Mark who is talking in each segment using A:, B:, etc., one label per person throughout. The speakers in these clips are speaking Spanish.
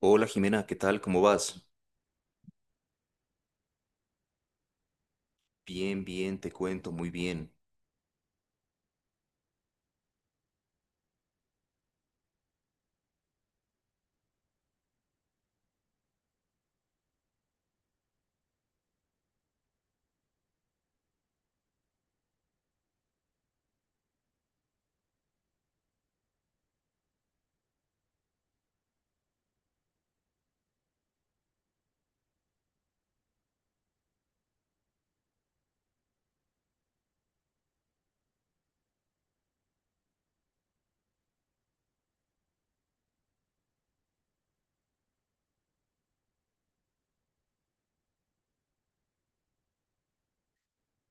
A: Hola Jimena, ¿qué tal? ¿Cómo vas? Bien, bien, te cuento, muy bien.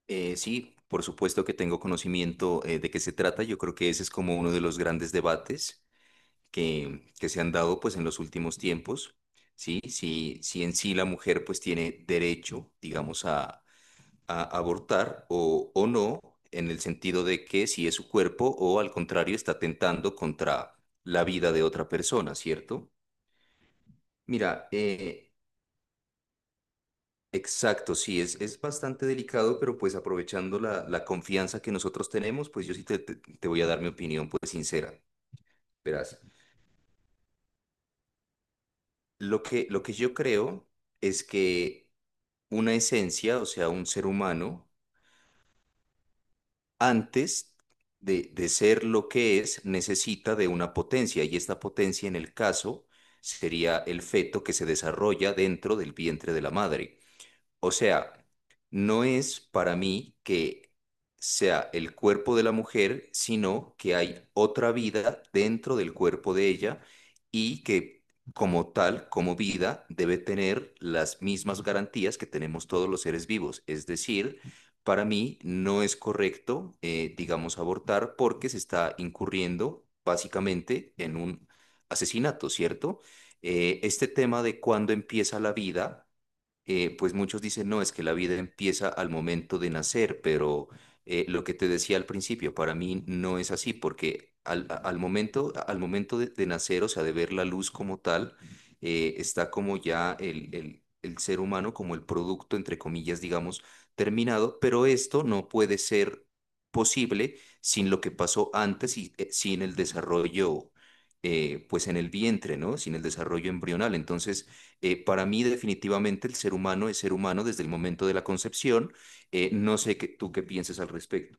A: Sí, por supuesto que tengo conocimiento de qué se trata. Yo creo que ese es como uno de los grandes debates que se han dado pues en los últimos tiempos. Sí, si en sí la mujer pues tiene derecho, digamos, a abortar o no, en el sentido de que si es su cuerpo o al contrario está tentando contra la vida de otra persona, ¿cierto? Mira, eh, Exacto, sí, es bastante delicado, pero pues aprovechando la confianza que nosotros tenemos, pues yo sí te voy a dar mi opinión pues sincera. Verás, lo que yo creo es que una esencia, o sea, un ser humano, antes de ser lo que es, necesita de una potencia y esta potencia en el caso sería el feto que se desarrolla dentro del vientre de la madre. O sea, no es para mí que sea el cuerpo de la mujer, sino que hay otra vida dentro del cuerpo de ella y que como tal, como vida, debe tener las mismas garantías que tenemos todos los seres vivos. Es decir, para mí no es correcto, digamos, abortar porque se está incurriendo básicamente en un asesinato, ¿cierto? Este tema de cuándo empieza la vida pues muchos dicen, no, es que la vida empieza al momento de nacer, pero lo que te decía al principio, para mí no es así, porque al momento de nacer, o sea, de ver la luz como tal, está como ya el ser humano, como el producto, entre comillas, digamos, terminado, pero esto no puede ser posible sin lo que pasó antes y sin el desarrollo pues en el vientre, ¿no? Sin el desarrollo embrional. Entonces, para mí, definitivamente, el ser humano es ser humano desde el momento de la concepción. No sé qué- ¿Tú qué pienses al respecto?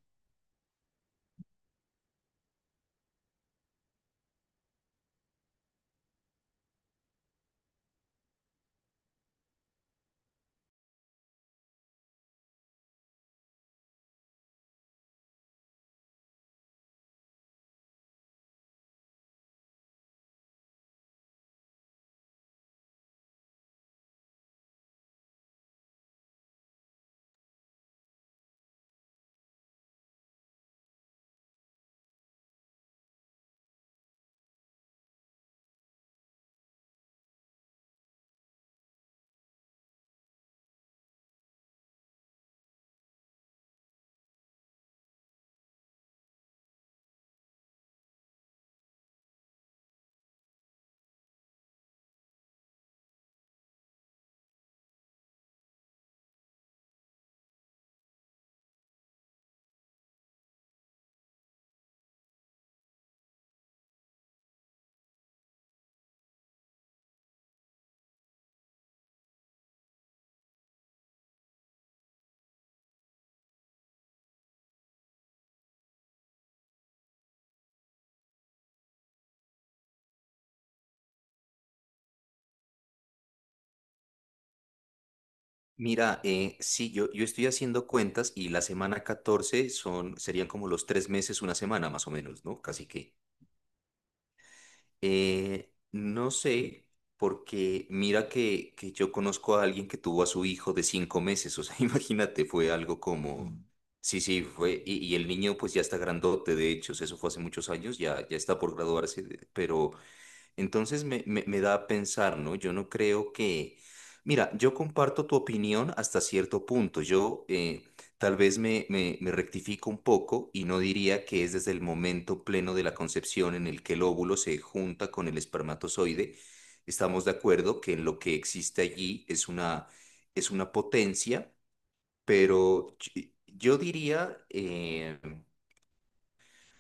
A: Sí, yo estoy haciendo cuentas y la semana 14 son, serían como los tres meses, una semana más o menos, ¿no? Casi que. No sé, porque mira que yo conozco a alguien que tuvo a su hijo de 5 meses, o sea, imagínate, fue algo como... Mm. Sí, sí, fue, y el niño pues ya está grandote, de hecho, o sea, eso fue hace muchos años, ya está por graduarse, de- pero entonces me da a pensar, ¿no? Yo no creo que... Mira, yo comparto tu opinión hasta cierto punto. Yo, tal vez me rectifico un poco y no diría que es desde el momento pleno de la concepción en el que el óvulo se junta con el espermatozoide. Estamos de acuerdo que lo que existe allí es una potencia, pero yo diría...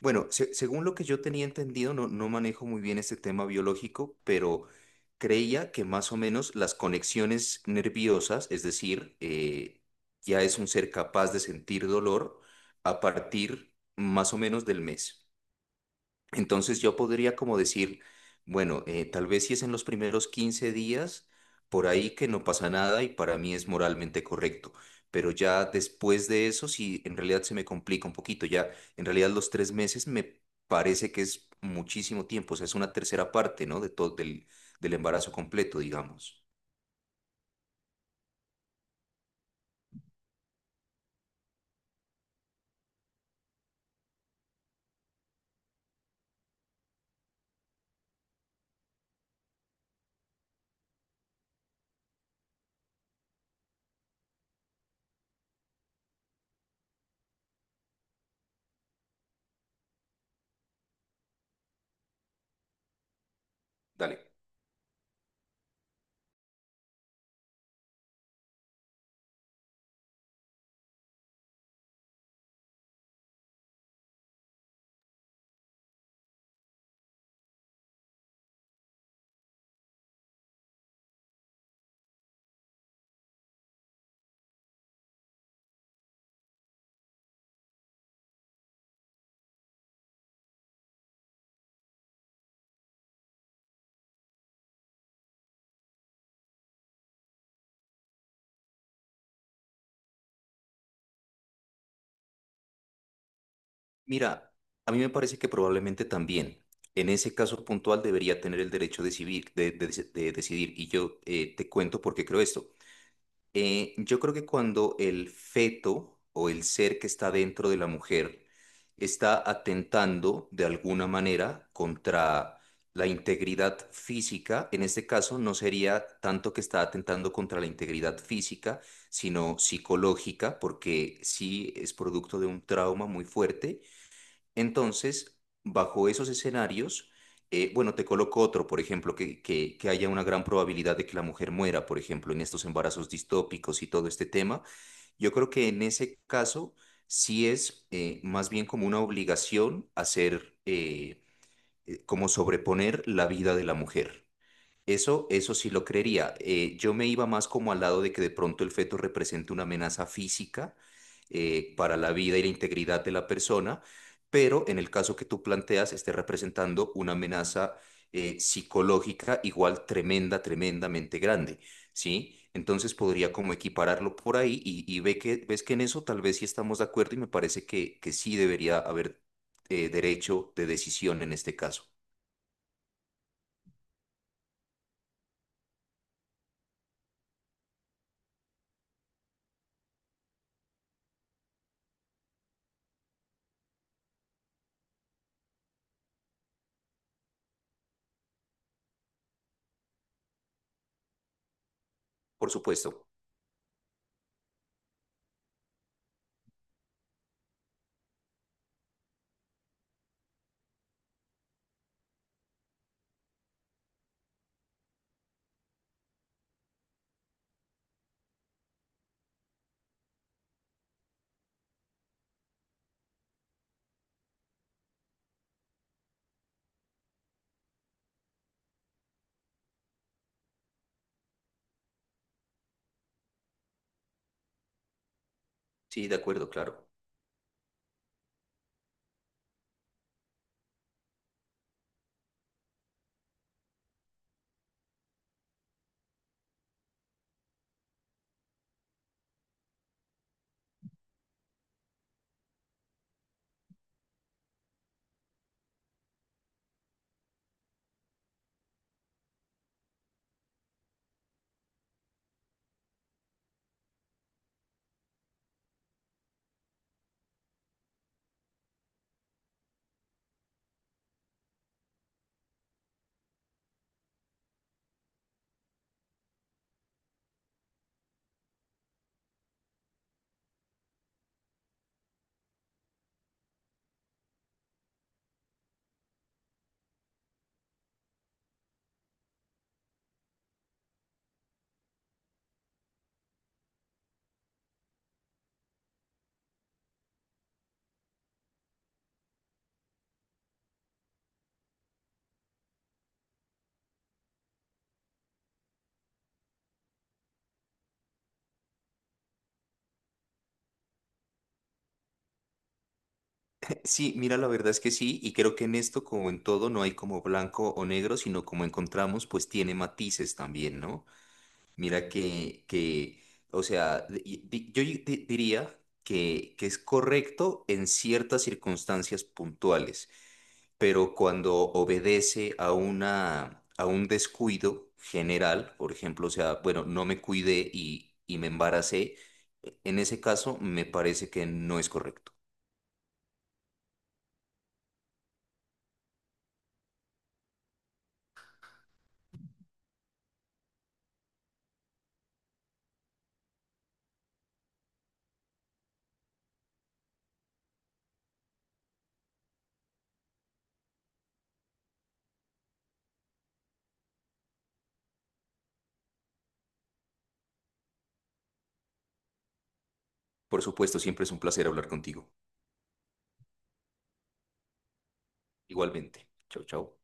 A: bueno, según lo que yo tenía entendido, no, no manejo muy bien este tema biológico, pero creía que más o menos las conexiones nerviosas, es decir, ya es un ser capaz de sentir dolor a partir más o menos del mes. Entonces yo podría como decir, bueno, tal vez si es en los primeros 15 días, por ahí que no pasa nada y para mí es moralmente correcto. Pero ya después de eso, sí, en realidad se me complica un poquito. Ya en realidad los tres meses me parece que es muchísimo tiempo. O sea, es una tercera parte, ¿no? De todo, del, del embarazo completo, digamos. Dale. Mira, a mí me parece que probablemente también. En ese caso puntual debería tener el derecho de decidir, de decidir. Y yo, te cuento por qué creo esto. Yo creo que cuando el feto o el ser que está dentro de la mujer está atentando de alguna manera contra la integridad física, en este caso no sería tanto que está atentando contra la integridad física, sino psicológica, porque sí es producto de un trauma muy fuerte. Entonces, bajo esos escenarios, bueno, te coloco otro, por ejemplo, que haya una gran probabilidad de que la mujer muera, por ejemplo, en estos embarazos distópicos y todo este tema. Yo creo que en ese caso sí es, más bien como una obligación hacer, como sobreponer la vida de la mujer. Eso sí lo creería. Yo me iba más como al lado de que de pronto el feto represente una amenaza física para la vida y la integridad de la persona, pero en el caso que tú planteas, esté representando una amenaza psicológica igual tremenda, tremendamente grande, ¿sí? Entonces podría como equipararlo por ahí y ve que, ves que en eso tal vez sí estamos de acuerdo y me parece que sí debería haber derecho de decisión en este caso. Por supuesto. Sí, de acuerdo, claro. Sí, mira, la verdad es que sí, y creo que en esto, como en todo, no hay como blanco o negro, sino como encontramos, pues tiene matices también, ¿no? Mira que o sea, diría que es correcto en ciertas circunstancias puntuales, pero cuando obedece a una, a un descuido general, por ejemplo, o sea, bueno, no me cuidé y me embaracé, e, en ese caso me parece que no es correcto. Por supuesto, siempre es un placer hablar contigo. Igualmente. Chau, chau.